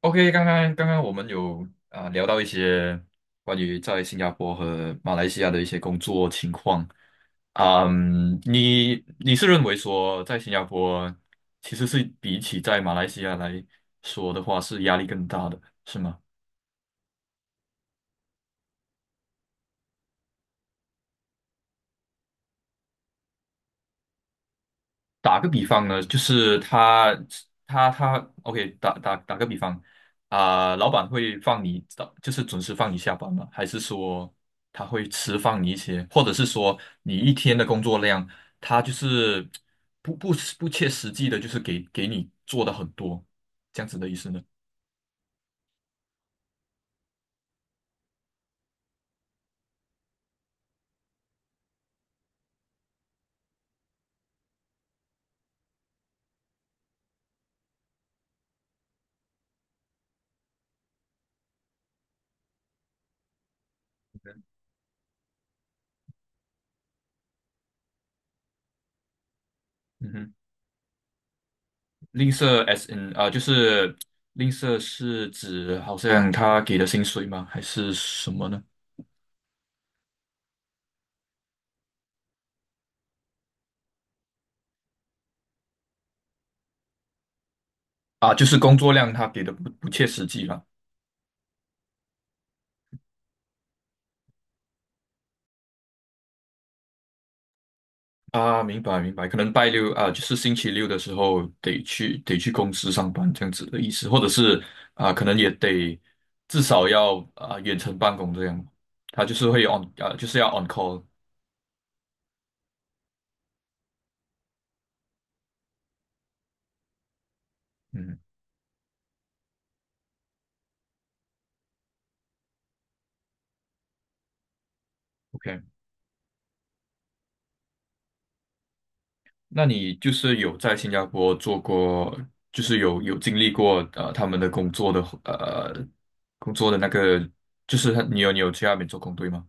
OK,刚刚我们有聊到一些关于在新加坡和马来西亚的一些工作情况。你是认为说在新加坡其实是比起在马来西亚来说的话是压力更大的，是吗？打个比方呢，就是他，OK,打个比方老板会放你，就是准时放你下班吗？还是说他会迟放你一些，或者是说你一天的工作量，他就是不不不切实际的，就是给你做的很多，这样子的意思呢？嗯哼，吝啬 S N 就是吝啬是指好像他给的薪水吗？还是什么呢？啊，就是工作量他给的不切实际了。啊，明白明白，可能拜六啊，就是星期六的时候得去公司上班这样子的意思，或者是啊，可能也得至少要啊远程办公这样，他就是会 on 啊，就是要 on call。嗯，OK,那你就是有在新加坡做过，就是有经历过他们的工作的呃工作的那个，就是他你有去那边做工对吗？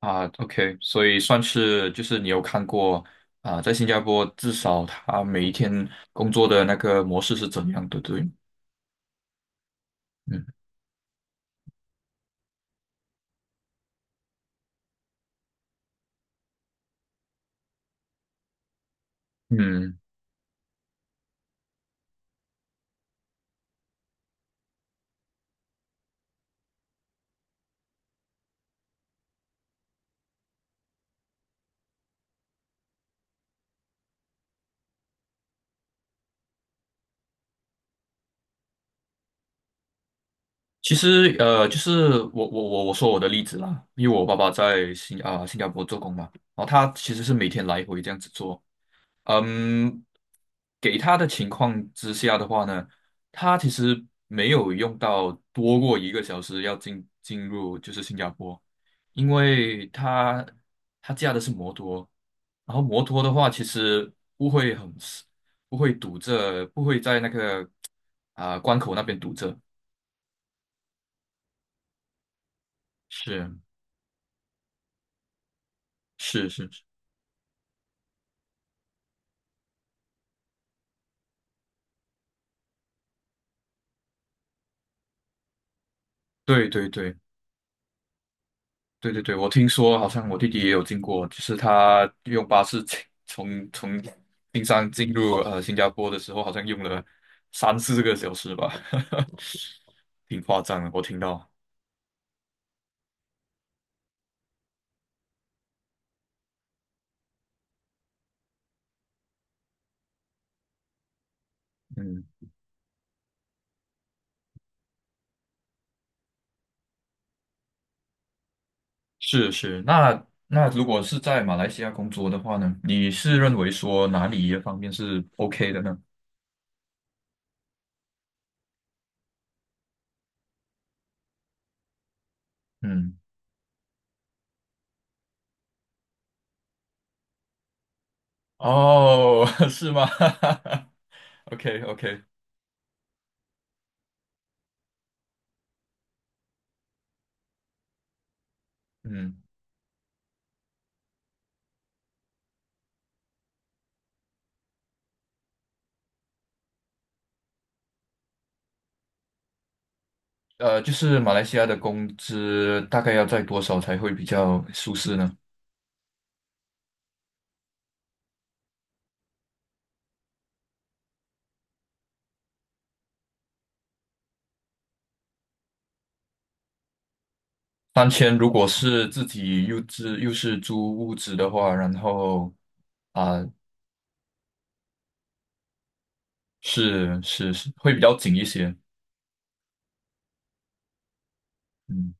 啊，OK,所以算是就是你有看过啊，在新加坡至少他每一天工作的那个模式是怎样的，对吗？嗯嗯，其实就是我说我的例子啦，因为我爸爸在新加坡做工嘛，然后他其实是每天来回这样子做，嗯，给他的情况之下的话呢，他其实没有用到多过一个小时要进入就是新加坡，因为他驾的是摩托，然后摩托的话其实不会很不会堵着，不会在那个关口那边堵着，是是。对对对。对对对，我听说好像我弟弟也有经过，就是他用巴士进从冰山进入新加坡的时候，好像用了三四个小时吧，挺夸张的，我听到。嗯，是是，那如果是在马来西亚工作的话呢，你是认为说哪里一方面是 OK 的呢？嗯，哦，是吗 ？OK OK,嗯，就是马来西亚的工资大概要在多少才会比较舒适呢？三千，如果是自己又自又是租屋子的话，然后啊、是是是会比较紧一些，嗯。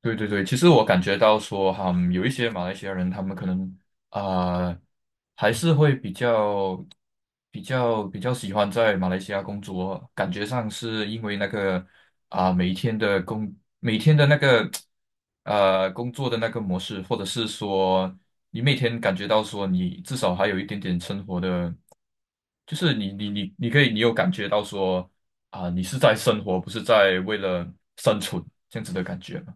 对对对，其实我感觉到说，有一些马来西亚人，他们可能啊、呃还是会比较喜欢在马来西亚工作，感觉上是因为那个啊、每一天的工、每天的那个工作的那个模式，或者是说你每天感觉到说，你至少还有一点点生活的，就是你可以，你有感觉到说你是在生活，不是在为了生存这样子的感觉嘛？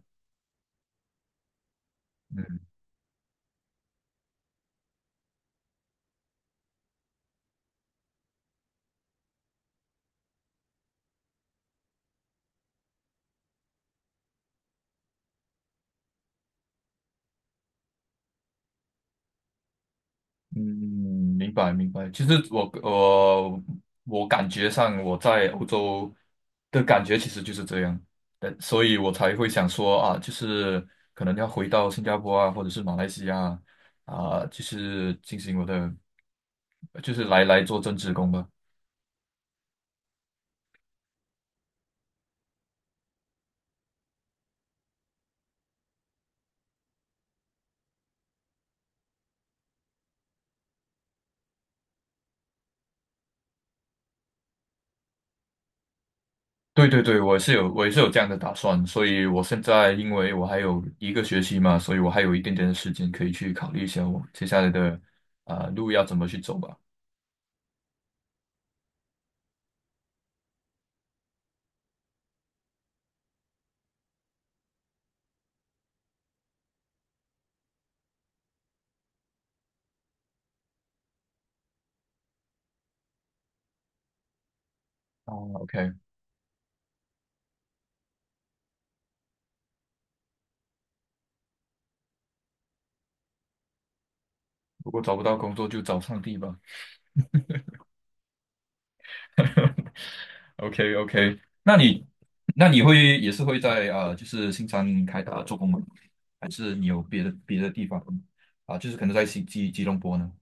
嗯，明白明白。其实我感觉上我在欧洲的感觉其实就是这样，呃，所以我才会想说啊，就是可能要回到新加坡啊，或者是马来西亚啊，啊就是进行我的，就是来做正职工吧。对对对，我也是有这样的打算，所以我现在因为我还有一个学期嘛，所以我还有一点点的时间可以去考虑一下我接下来的路要怎么去走吧。啊，OK。如果找不到工作，就找上帝吧。OK OK,那你会也是会在就是新山做工吗？还是你有别的地方就是可能在吉隆坡呢？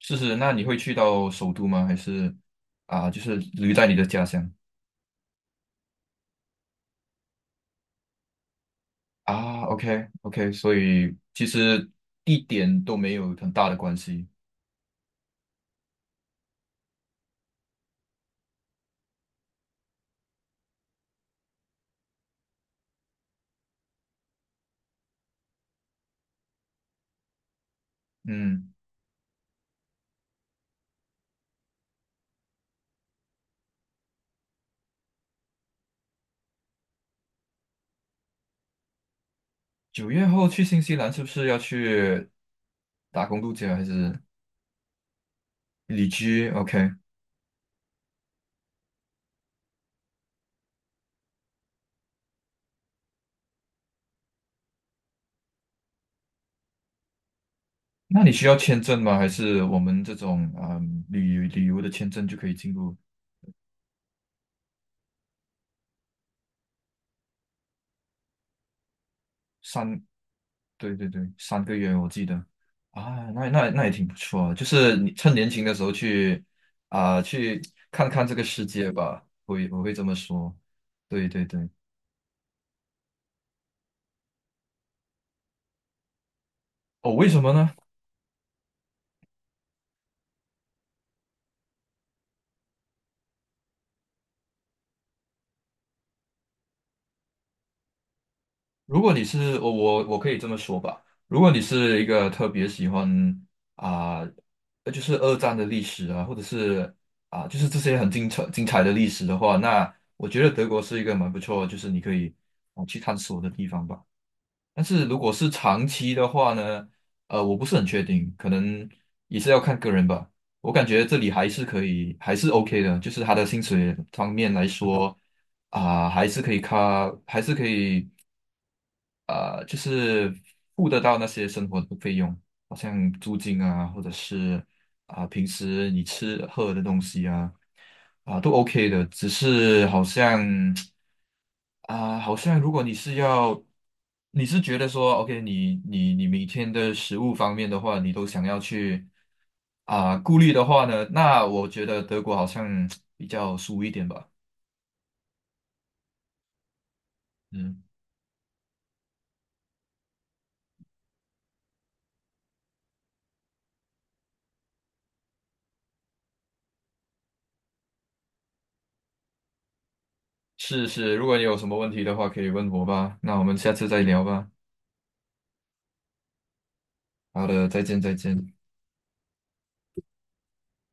是是，那你会去到首都吗？还是就是留在你的家乡啊？OK OK,所以其实一点都没有很大的关系。嗯，九月后去新西兰是不是要去打工度假还是旅居？OK,那你需要签证吗？还是我们这种嗯旅游的签证就可以进入三？对对对，三个月我记得啊，那也挺不错啊，就是你趁年轻的时候去去看看这个世界吧，我会这么说。对对对，哦，为什么呢？如果你是我可以这么说吧，如果你是一个特别喜欢啊、就是二战的历史啊，或者是就是这些很精彩的历史的话，那我觉得德国是一个蛮不错，就是你可以去探索的地方吧。但是如果是长期的话呢，呃，我不是很确定，可能也是要看个人吧。我感觉这里还是可以，还是 OK 的，就是他的薪水方面来说，还是可以卡，还是可以，就是付得到那些生活的费用，好像租金啊，或者是平时你吃喝的东西啊，都 OK 的，只是好像。啊，好像如果你是要，你是觉得说，OK,你每天的食物方面的话，你都想要去啊顾虑的话呢，那我觉得德国好像比较输一点吧。嗯，是是，如果你有什么问题的话，可以问我吧。那我们下次再聊吧。好的，再见再见。